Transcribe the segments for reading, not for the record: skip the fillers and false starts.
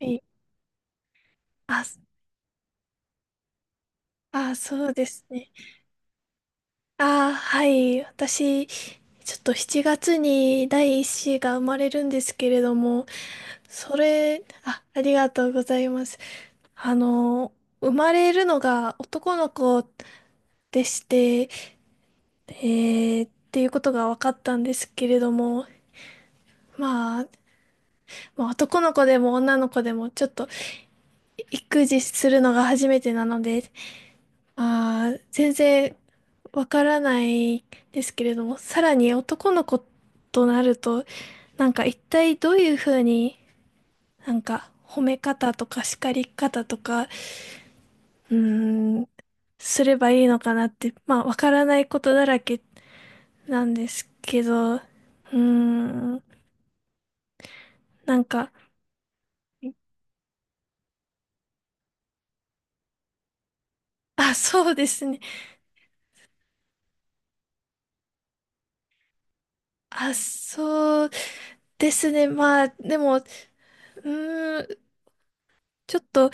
え、あ、あ、そうですね。あ、はい。私、ちょっと7月に第一子が生まれるんですけれども、それ、あ、ありがとうございます。あの、生まれるのが男の子でして、っていうことが分かったんですけれども、まあ、まあ、男の子でも女の子でもちょっと育児するのが初めてなので、ああ、全然わからないですけれども、さらに男の子となると、一体どういうふうに褒め方とか叱り方とか、うーん、すればいいのかなって、まあわからないことだらけなんですけど、ーん、なんか、あ、そうですね。まあ、でも、ーん、ちょっと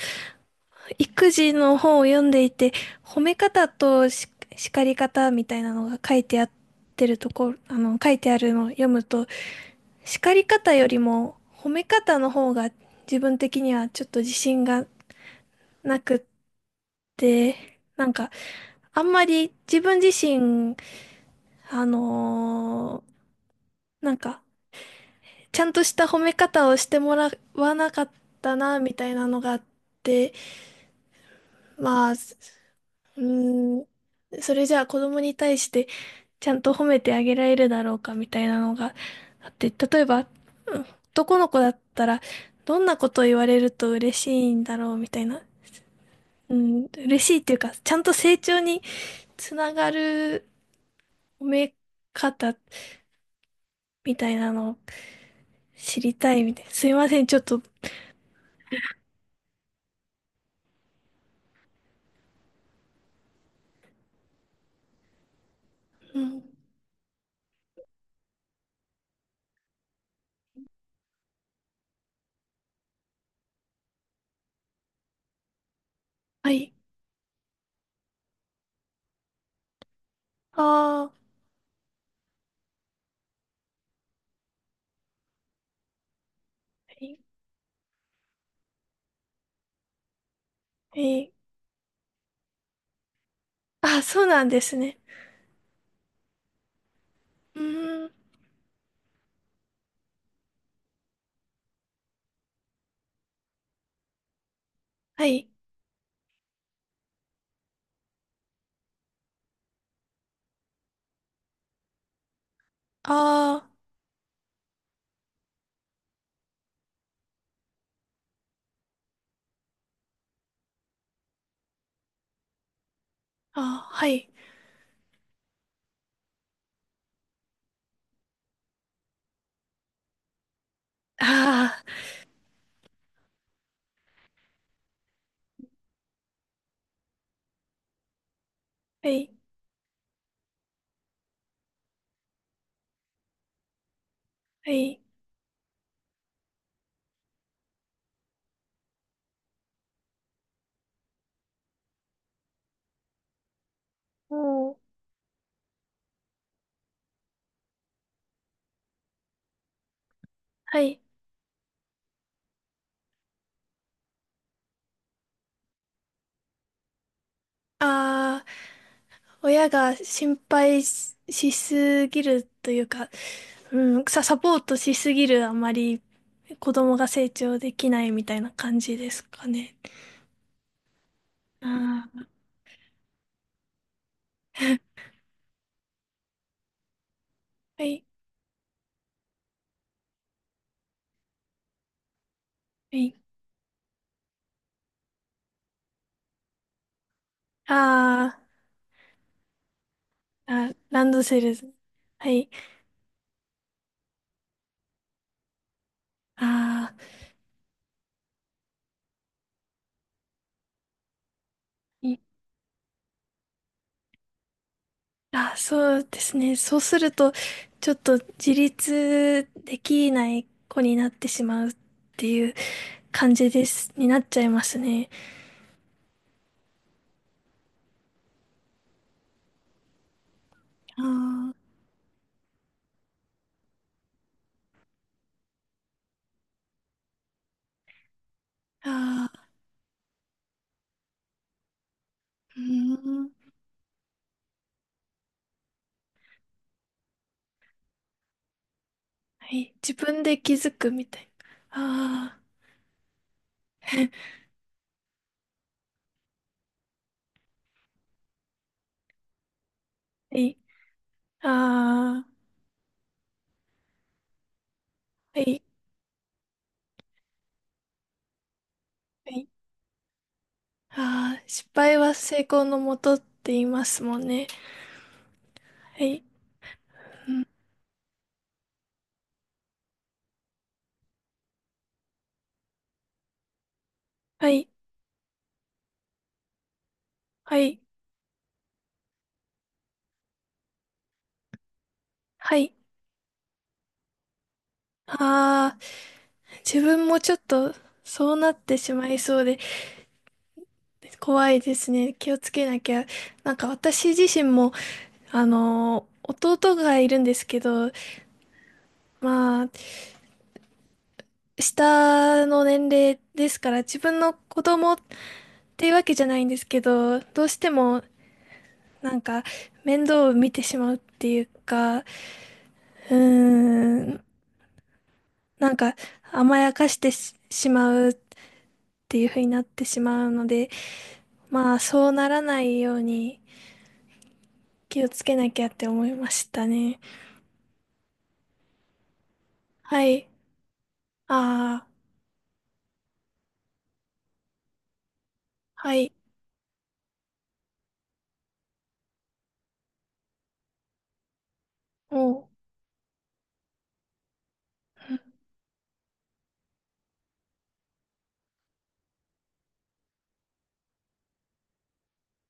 育児の本を読んでいて、褒め方とし叱り方みたいなのが書いてあるところ、書いてあるのを読むと、叱り方よりも褒め方の方が自分的にはちょっと自信がなくって、あんまり自分自身、あのーなんか、ちゃんとした褒め方をしてもらわなかったな、みたいなのがあって、まあ、ーん、それじゃあ子供に対してちゃんと褒めてあげられるだろうかみたいなのがあって、例えば、うん男の子だったら、どんなことを言われると嬉しいんだろうみたいな。うん、嬉しいっていうか、ちゃんと成長につながる褒め方みたいなのを知りたいみたいな。すいません、ちょっと。うん、はい。ああ、はい。えーあ、そうなんですね。うーん、はい。ああ、あはい。ああ、はい、はい。おーはい。ああ、親が心配し、しすぎるというか、サポートしすぎるあまり子供が成長できないみたいな感じですかね。ああ、はい、はい。ああ、ランドセル。はい。ああ、いあ、そうですね。そうすると、ちょっと自立できない子になってしまうっていう感じです、になっちゃいますね。ああ、ああ、うーん。はい。自分で気づくみたいな。ああ、はい。ああ、はい。はい。ああ、失敗は成功のもとって言いますもんね。はい。うん。はい。はい。はい。ああ、自分もちょっとそうなってしまいそうで怖いですね。気をつけなきゃ。なんか私自身も、あのー弟がいるんですけど、まあ、下の年齢ですから、自分の子供っていうわけじゃないんですけど、どうしてもなんか面倒を見てしまうっていうか、ーん、なんか甘やかしてし、しまうっていう風になってしまうので、まあそうならないように気をつけなきゃって思いましたね。はい。ああ、はい。おう。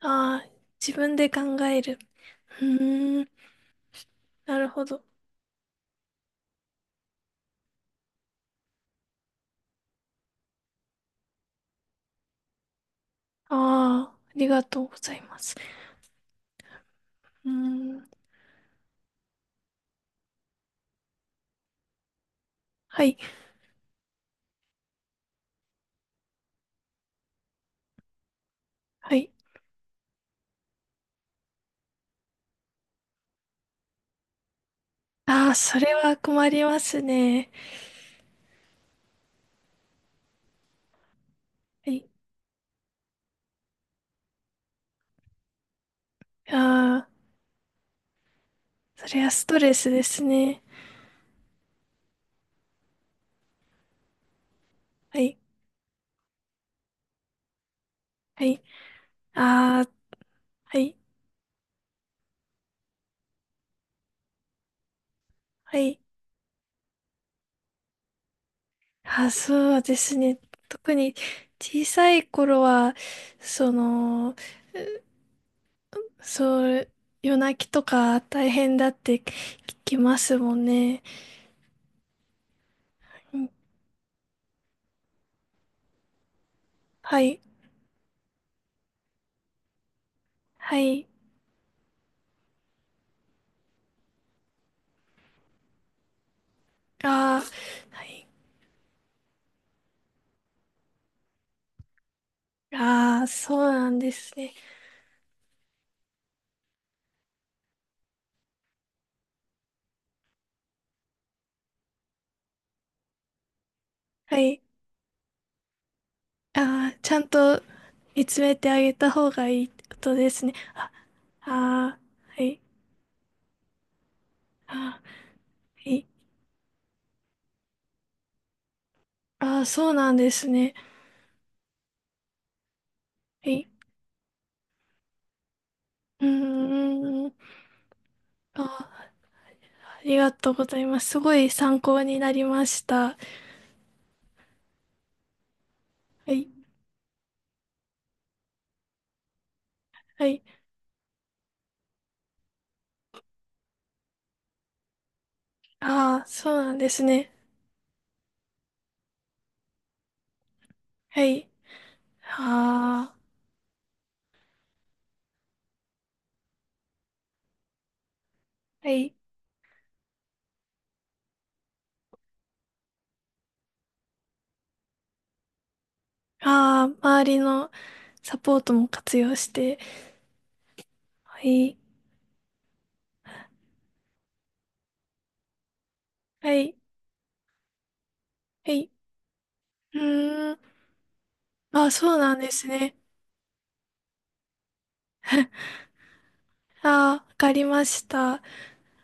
ああ、自分で考える。うーん、なるほど。ああ、ありがとうございます。うーん、はい、はい。ああ、それは困りますね。はい。ああ、それはストレスですね。はい、はい。ああ、はい、はい。ああ、そうですね。特に小さい頃は、その、うそう、夜泣きとか大変だって聞きますもんね。うんはい、はい。ああ、はい。ああ、そうなんですね。はい。ああ、ちゃんと見つめてあげた方がいいってことですね。ああ、はい、ああ、はい。ああ、そうなんですね。はい。うーん。ああ、ありがとうございます。すごい参考になりました。はい、はい。ああ、そうなんですね。はい。ああ、はい。ああ、周りのサポートも活用して。はい、はい、はい。うーん。ああ、そうなんですね。ああ、わかりました。あ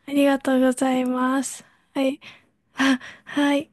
りがとうございます。はい。あ、はい。